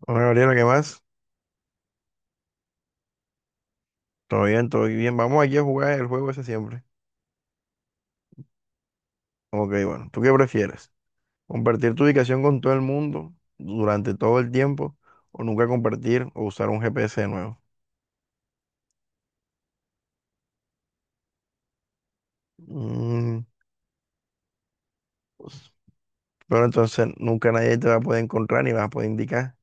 Hola Gabriela, ¿qué más? Todo bien, todo bien. Vamos aquí a jugar el juego ese siempre. Ok, bueno, ¿tú qué prefieres? ¿Compartir tu ubicación con todo el mundo durante todo el tiempo o nunca compartir o usar un GPS de nuevo? Mm, pues, pero entonces nunca nadie te va a poder encontrar ni vas a poder indicar.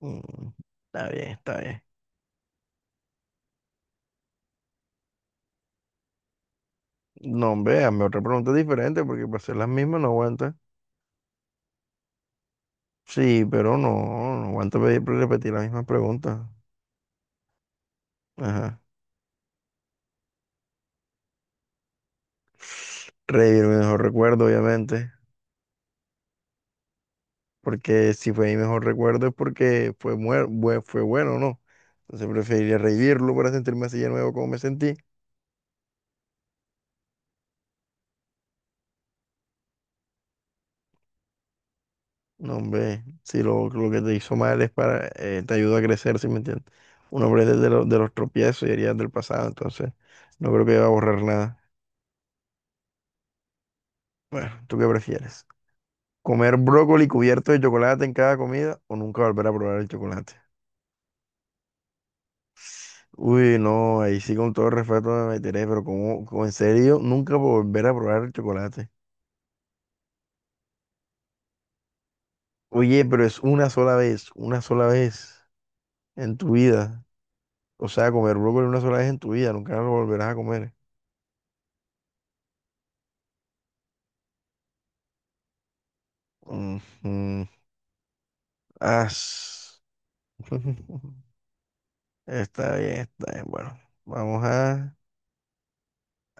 Mm, está bien, está bien. No, hombre, hazme otra pregunta diferente porque para hacer las mismas no aguanta. Sí, pero no, no aguanta repetir las mismas preguntas. Ajá. Revivir mi mejor recuerdo, obviamente. Porque si fue mi mejor recuerdo es porque fue, fue bueno, ¿no? Entonces preferiría revivirlo para sentirme así de nuevo como me sentí. No, hombre, si lo, lo que te hizo mal es para, te ayuda a crecer, ¿sí me entiendes? Uno aprende de los tropiezos y heridas del pasado, entonces no creo que va a borrar nada. Bueno, ¿tú qué prefieres? ¿Comer brócoli cubierto de chocolate en cada comida o nunca volver a probar el chocolate? Uy, no, ahí sí con todo respeto me meteré, pero como, en serio, nunca volver a probar el chocolate. Oye, pero es una sola vez en tu vida. O sea, comer brócoli una sola vez en tu vida, nunca lo volverás a comer. Ujú. As- Está bien, está bien. Bueno,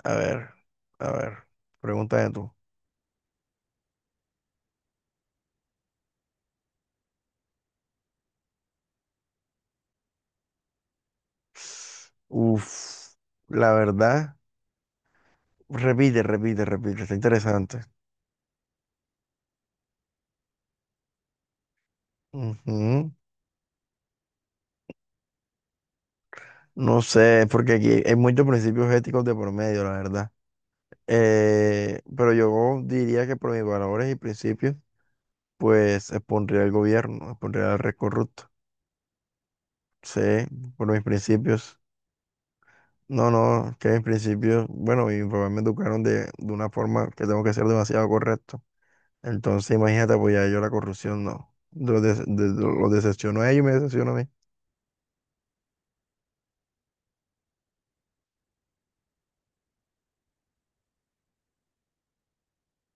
a ver, a ver, pregúntame tú. Uf, la verdad, repite, repite, repite, está interesante. Ujú. No sé, porque aquí hay muchos principios éticos de por medio, la verdad. Pero yo diría que por mis valores y principios, pues expondría al gobierno, expondría al rey corrupto. Sí, por mis principios. No, no, que mis principios, bueno, mis papás me educaron de una forma que tengo que ser demasiado correcto. Entonces, imagínate apoyar yo la corrupción, no. Lo decepciono a ellos y me decepciono a mí.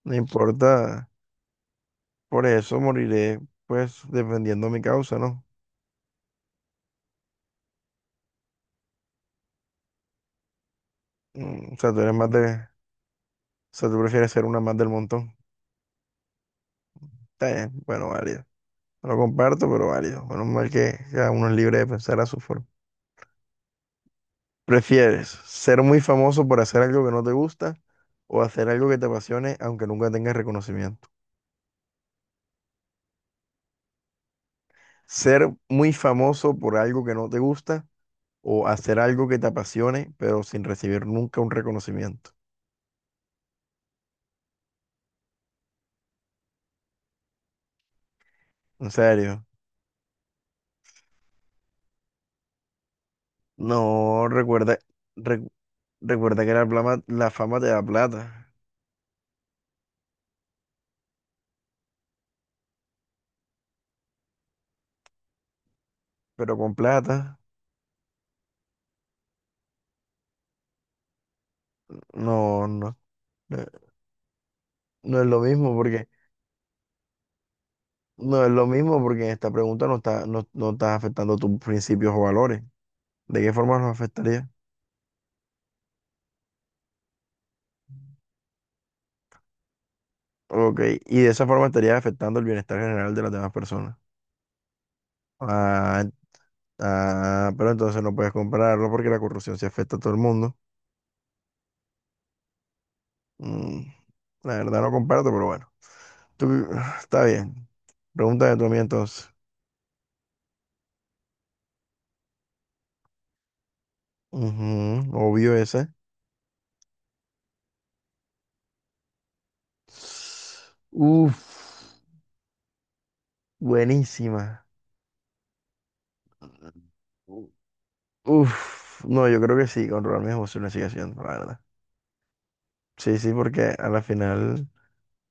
No importa, por eso moriré, pues, defendiendo mi causa, ¿no? O sea, tú eres más o sea, tú prefieres ser una más del montón. Está bien, bueno, válido. No lo comparto, pero válido. Menos mal que cada uno es libre de pensar a su forma. ¿Prefieres ser muy famoso por hacer algo que no te gusta o hacer algo que te apasione aunque nunca tengas reconocimiento? ¿Ser muy famoso por algo que no te gusta o hacer algo que te apasione pero sin recibir nunca un reconocimiento? En serio. No, recuerda, recu- recuerda que la fama te da plata, pero con plata no, no, no no es lo mismo. No es lo mismo porque en esta pregunta no estás afectando tus principios o valores. ¿De qué forma los afectaría? Ok, y de esa forma estarías afectando el bienestar general de las demás personas. Ah, ah, pero entonces no puedes compararlo porque la corrupción se afecta a todo el mundo. Mm, la verdad no comparto, pero bueno. Tú, está bien. Pregúntame tú a mí entonces. Ujú, obvio ese. Uf, buenísima. Uf, no, yo creo que sí, controlar mis emociones sigue siendo, la verdad. Sí, sí, porque a la final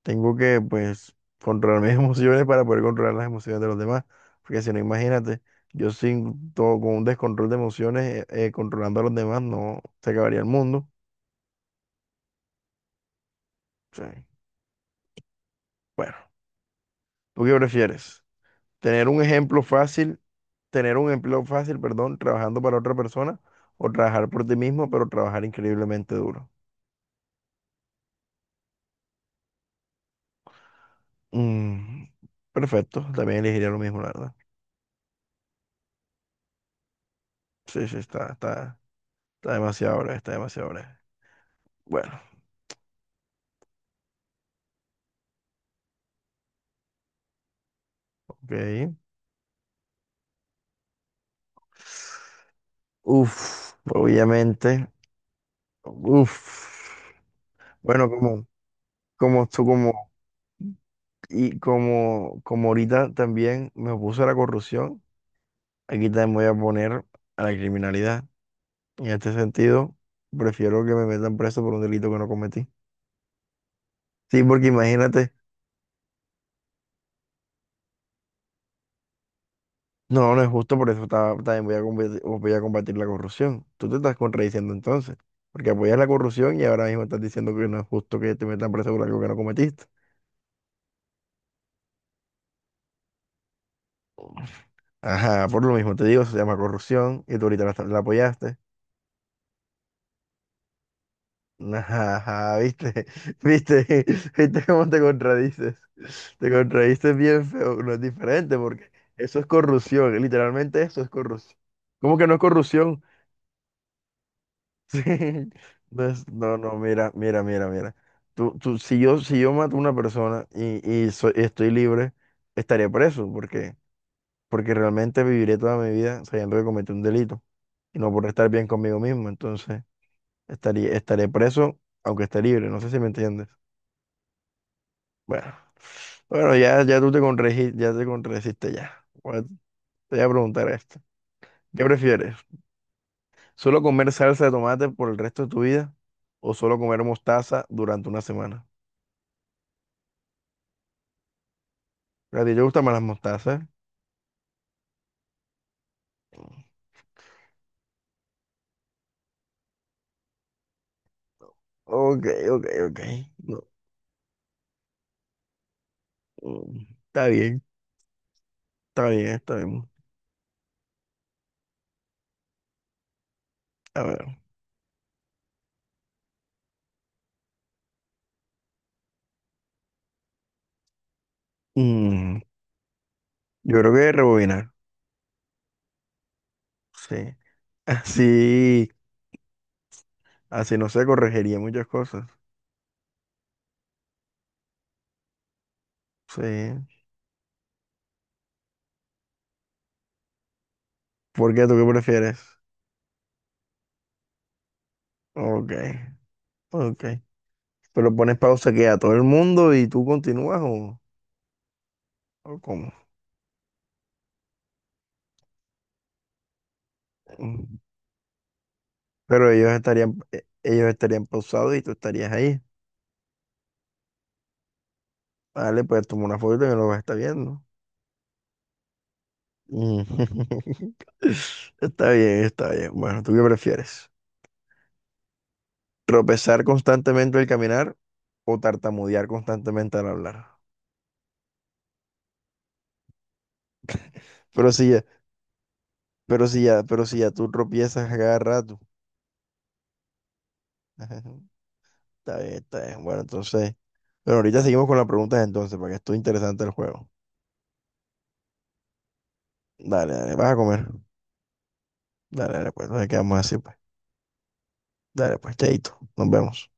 tengo que, pues, controlar mis emociones para poder controlar las emociones de los demás. Porque si no, imagínate, yo sin todo, con un descontrol de emociones, controlando a los demás, no se acabaría el mundo. Sí. Bueno, ¿tú qué prefieres? ¿Tener un empleo fácil, perdón, trabajando para otra persona o trabajar por ti mismo, pero trabajar increíblemente duro? Mm, perfecto, también elegiría lo mismo, la verdad. Sí, sí, está demasiado breve, está demasiado breve. Bueno, ok. Uf, obviamente. Uf. Bueno, como, como tú, como, y como, como ahorita también me opuse a la corrupción, aquí también voy a poner a la criminalidad. En este sentido, prefiero que me metan preso por un delito que no cometí. Sí, porque imagínate. No, no es justo, por eso también voy a combatir la corrupción. Tú te estás contradiciendo entonces, porque apoyas la corrupción y ahora mismo estás diciendo que no es justo que te metan preso por algo que no cometiste. Ajá, por lo mismo te digo, se llama corrupción y tú ahorita la apoyaste. Ajá, ajá, viste, viste, viste cómo te contradices. Te contradices bien feo, no es diferente porque eso es corrupción, literalmente eso es corrupción. ¿Cómo que no es corrupción? Sí, no, no, no, mira, mira, mira, mira. Tú, si yo mato a una persona y estoy libre, estaría preso, porque, porque realmente viviré toda mi vida sabiendo que cometí un delito y no por estar bien conmigo mismo. Entonces, estaré preso aunque esté libre. No sé si me entiendes. Bueno, bueno, ya, ya te contradijiste ya. Te voy a preguntar esto. ¿Qué prefieres? ¿Solo comer salsa de tomate por el resto de tu vida o solo comer mostaza durante una semana? A ti te gustan más las mostazas. Ok, ok, ok. No, mm, está bien, está bien, está bien. A ver. Mm, yo creo que rebobinar. Sí. Así, así no se corregiría muchas cosas. Sí. ¿Por qué tú qué prefieres? Ok, ok. Pero pones pausa que a todo el mundo y tú continúas o cómo. Mm. Pero ellos estarían, ellos estarían pausados y tú estarías ahí. Vale, pues toma una foto y me lo vas a estar viendo. Mm. Está bien, está bien. Bueno, ¿tú qué prefieres? ¿Tropezar constantemente al caminar o tartamudear constantemente al hablar? Pero si ya, pero si ya, pero si ya tú tropiezas a cada rato. Ajá, está bien, está bien. Bueno, entonces, bueno, ahorita seguimos con las preguntas entonces, para que esto interesante el juego. Dale, dale, vas a comer. Dale, dale, pues, nos quedamos así, pues. Dale, pues, chaito, nos vemos.